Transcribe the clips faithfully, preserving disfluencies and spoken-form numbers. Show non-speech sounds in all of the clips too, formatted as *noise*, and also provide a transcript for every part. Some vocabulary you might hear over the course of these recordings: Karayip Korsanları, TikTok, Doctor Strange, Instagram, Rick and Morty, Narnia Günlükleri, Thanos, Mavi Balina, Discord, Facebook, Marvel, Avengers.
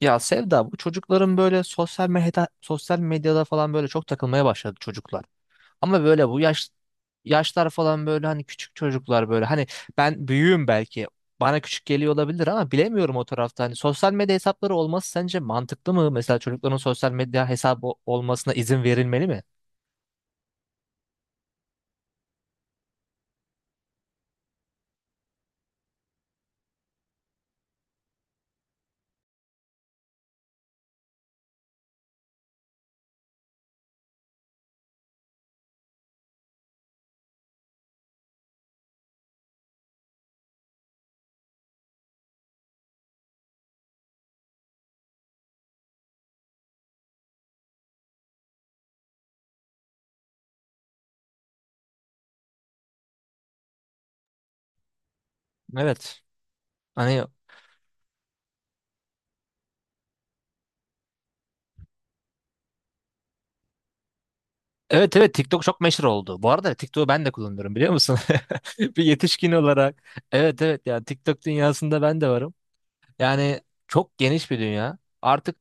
Ya Sevda, bu çocukların böyle sosyal medyada, sosyal medyada falan böyle çok takılmaya başladı çocuklar. Ama böyle bu yaş yaşlar falan böyle hani küçük çocuklar böyle hani ben büyüğüm, belki bana küçük geliyor olabilir ama bilemiyorum o tarafta. Hani sosyal medya hesapları olması sence mantıklı mı? Mesela çocukların sosyal medya hesabı olmasına izin verilmeli mi? Evet. Hani evet, evet, TikTok çok meşhur oldu. Bu arada TikTok'u ben de kullanıyorum, biliyor musun? *laughs* Bir yetişkin olarak. Evet evet, yani TikTok dünyasında ben de varım. Yani çok geniş bir dünya. Artık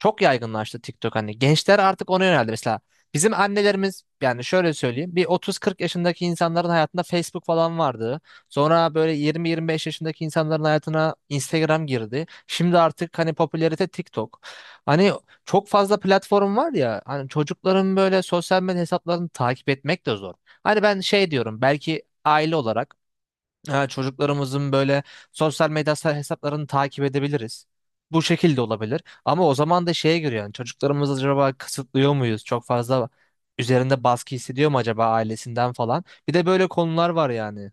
çok yaygınlaştı TikTok hani. Gençler artık ona yöneldi. Mesela bizim annelerimiz, yani şöyle söyleyeyim, bir otuz kırk yaşındaki insanların hayatında Facebook falan vardı. Sonra böyle yirmi yirmi beş yaşındaki insanların hayatına Instagram girdi. Şimdi artık hani popülerite TikTok. Hani çok fazla platform var ya, hani çocukların böyle sosyal medya hesaplarını takip etmek de zor. Hani ben şey diyorum, belki aile olarak, ha, çocuklarımızın böyle sosyal medya hesaplarını takip edebiliriz. Bu şekilde olabilir. Ama o zaman da şeye göre, yani çocuklarımızı acaba kısıtlıyor muyuz? Çok fazla üzerinde baskı hissediyor mu acaba ailesinden falan? Bir de böyle konular var yani.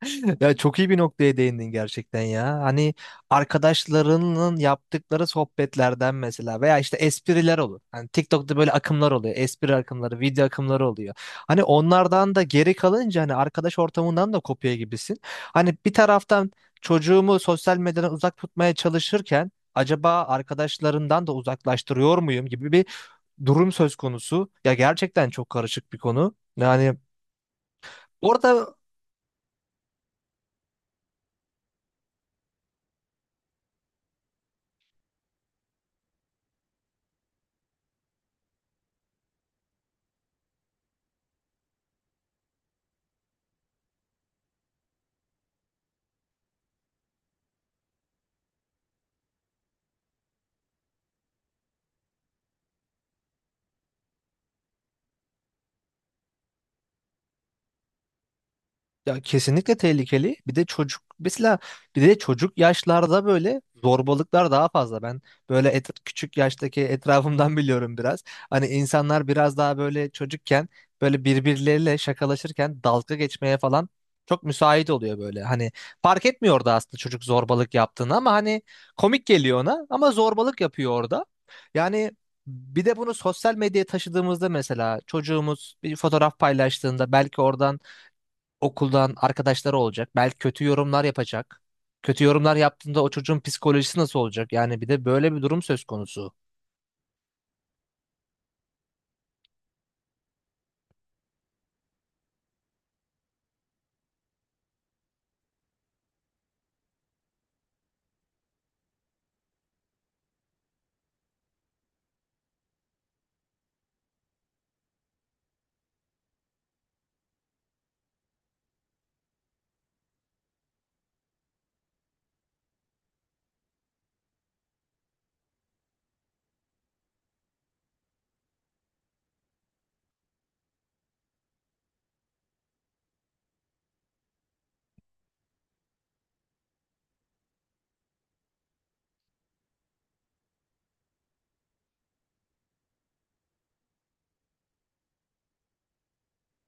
*laughs* Ya çok iyi bir noktaya değindin gerçekten ya. Hani arkadaşlarının yaptıkları sohbetlerden mesela, veya işte espriler olur. Hani TikTok'ta böyle akımlar oluyor. Espri akımları, video akımları oluyor. Hani onlardan da geri kalınca hani arkadaş ortamından da kopya gibisin. Hani bir taraftan çocuğumu sosyal medyadan uzak tutmaya çalışırken acaba arkadaşlarından da uzaklaştırıyor muyum gibi bir durum söz konusu. Ya gerçekten çok karışık bir konu. Yani orada. Ya kesinlikle tehlikeli. Bir de çocuk mesela, bir de çocuk yaşlarda böyle zorbalıklar daha fazla. Ben böyle et- küçük yaştaki etrafımdan *laughs* biliyorum biraz. Hani insanlar biraz daha böyle çocukken böyle birbirleriyle şakalaşırken dalga geçmeye falan çok müsait oluyor böyle. Hani fark etmiyor orada aslında çocuk zorbalık yaptığını ama hani komik geliyor ona, ama zorbalık yapıyor orada. Yani bir de bunu sosyal medyaya taşıdığımızda mesela çocuğumuz bir fotoğraf paylaştığında, belki oradan okuldan arkadaşları olacak. Belki kötü yorumlar yapacak. Kötü yorumlar yaptığında o çocuğun psikolojisi nasıl olacak? Yani bir de böyle bir durum söz konusu.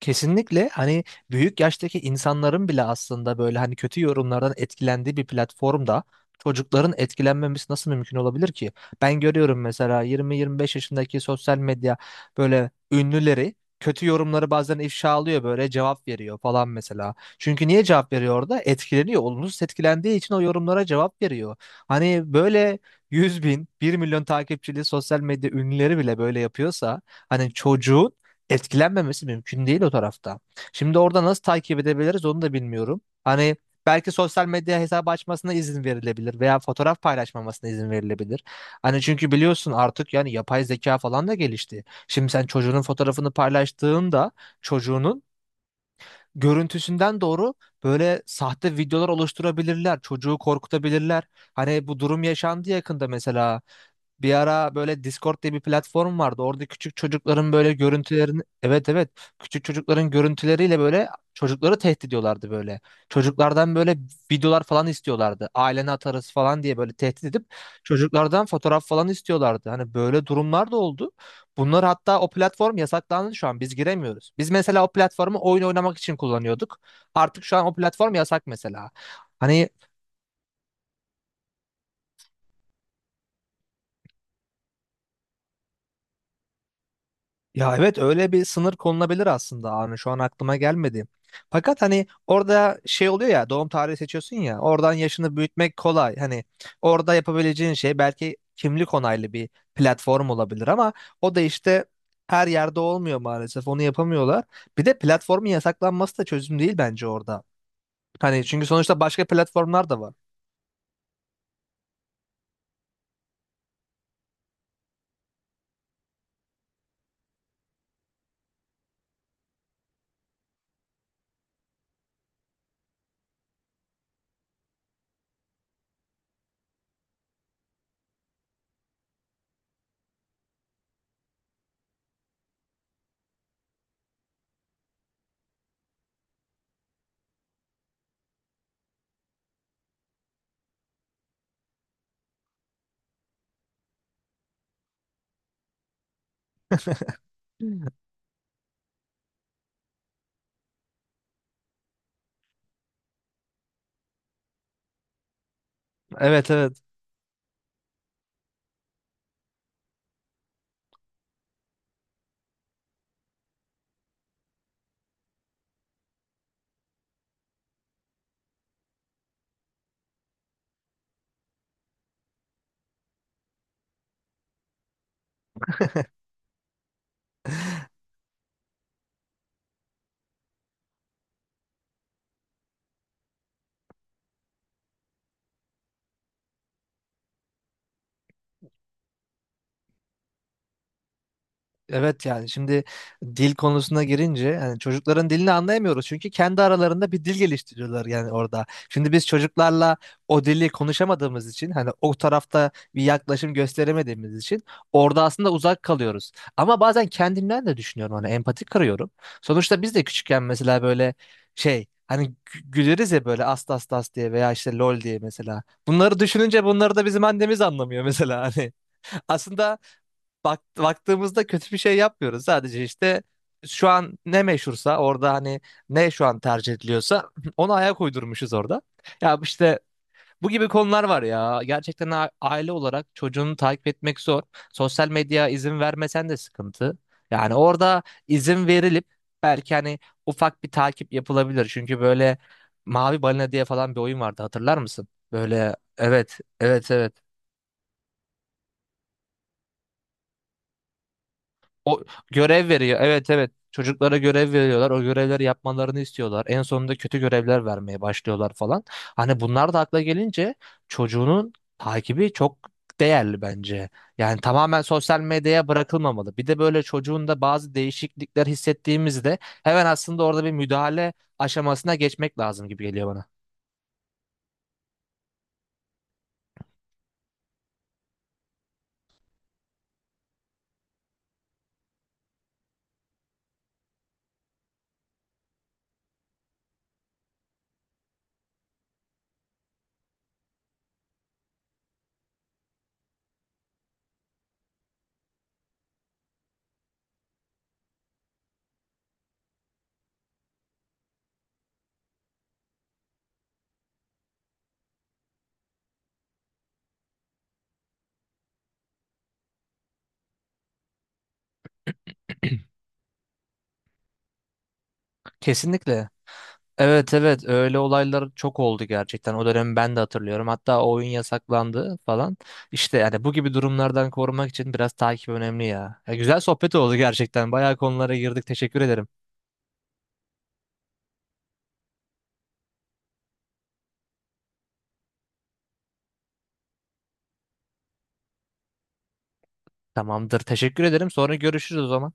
Kesinlikle hani büyük yaştaki insanların bile aslında böyle hani kötü yorumlardan etkilendiği bir platformda çocukların etkilenmemesi nasıl mümkün olabilir ki? Ben görüyorum mesela yirmi yirmi beş yaşındaki sosyal medya böyle ünlüleri kötü yorumları bazen ifşa alıyor, böyle cevap veriyor falan mesela. Çünkü niye cevap veriyor orada? Etkileniyor. Olumsuz etkilendiği için o yorumlara cevap veriyor. Hani böyle yüz bin, bir milyon takipçili sosyal medya ünlüleri bile böyle yapıyorsa hani çocuğun etkilenmemesi mümkün değil o tarafta. Şimdi orada nasıl takip edebiliriz onu da bilmiyorum. Hani belki sosyal medya hesabı açmasına izin verilebilir veya fotoğraf paylaşmamasına izin verilebilir. Hani çünkü biliyorsun artık yani yapay zeka falan da gelişti. Şimdi sen çocuğunun fotoğrafını paylaştığında çocuğunun görüntüsünden doğru böyle sahte videolar oluşturabilirler. Çocuğu korkutabilirler. Hani bu durum yaşandı yakında mesela. Bir ara böyle Discord diye bir platform vardı. Orada küçük çocukların böyle görüntülerini, evet evet, küçük çocukların görüntüleriyle böyle çocukları tehdit ediyorlardı böyle. Çocuklardan böyle videolar falan istiyorlardı. Ailene atarız falan diye böyle tehdit edip çocuklardan fotoğraf falan istiyorlardı. Hani böyle durumlar da oldu. Bunlar hatta, o platform yasaklandı şu an. Biz giremiyoruz. Biz mesela o platformu oyun oynamak için kullanıyorduk. Artık şu an o platform yasak mesela. Hani ya evet, öyle bir sınır konulabilir aslında Arne, şu an aklıma gelmedi. Fakat hani orada şey oluyor ya, doğum tarihi seçiyorsun ya, oradan yaşını büyütmek kolay. Hani orada yapabileceğin şey belki kimlik onaylı bir platform olabilir, ama o da işte her yerde olmuyor, maalesef onu yapamıyorlar. Bir de platformun yasaklanması da çözüm değil bence orada. Hani çünkü sonuçta başka platformlar da var. Hmm. Evet evet. Evet yani şimdi dil konusuna girince, yani çocukların dilini anlayamıyoruz çünkü kendi aralarında bir dil geliştiriyorlar yani orada. Şimdi biz çocuklarla o dili konuşamadığımız için, hani o tarafta bir yaklaşım gösteremediğimiz için orada aslında uzak kalıyoruz. Ama bazen kendimden de düşünüyorum, hani empati kırıyorum. Sonuçta biz de küçükken mesela böyle şey hani gü- güleriz ya böyle, as tas tas diye veya işte lol diye mesela. Bunları düşününce bunları da bizim annemiz anlamıyor mesela hani. *laughs* Aslında bak, baktığımızda kötü bir şey yapmıyoruz. Sadece işte şu an ne meşhursa orada, hani ne şu an tercih ediliyorsa *laughs* ona ayak uydurmuşuz orada. Ya işte bu gibi konular var ya. Gerçekten a- aile olarak çocuğunu takip etmek zor. Sosyal medya izin vermesen de sıkıntı. Yani orada izin verilip belki hani ufak bir takip yapılabilir. Çünkü böyle Mavi Balina diye falan bir oyun vardı, hatırlar mısın? Böyle, evet evet evet. O görev veriyor. Evet evet. Çocuklara görev veriyorlar. O görevleri yapmalarını istiyorlar. En sonunda kötü görevler vermeye başlıyorlar falan. Hani bunlar da akla gelince çocuğunun takibi çok değerli bence. Yani tamamen sosyal medyaya bırakılmamalı. Bir de böyle çocuğun da bazı değişiklikler hissettiğimizde hemen aslında orada bir müdahale aşamasına geçmek lazım gibi geliyor bana. *clears throat* Kesinlikle. Evet evet, öyle olaylar çok oldu gerçekten. O dönemi ben de hatırlıyorum. Hatta o oyun yasaklandı falan. İşte yani bu gibi durumlardan korumak için biraz takip önemli ya. Ya güzel sohbet oldu gerçekten. Bayağı konulara girdik. Teşekkür ederim. Tamamdır. Teşekkür ederim. Sonra görüşürüz o zaman.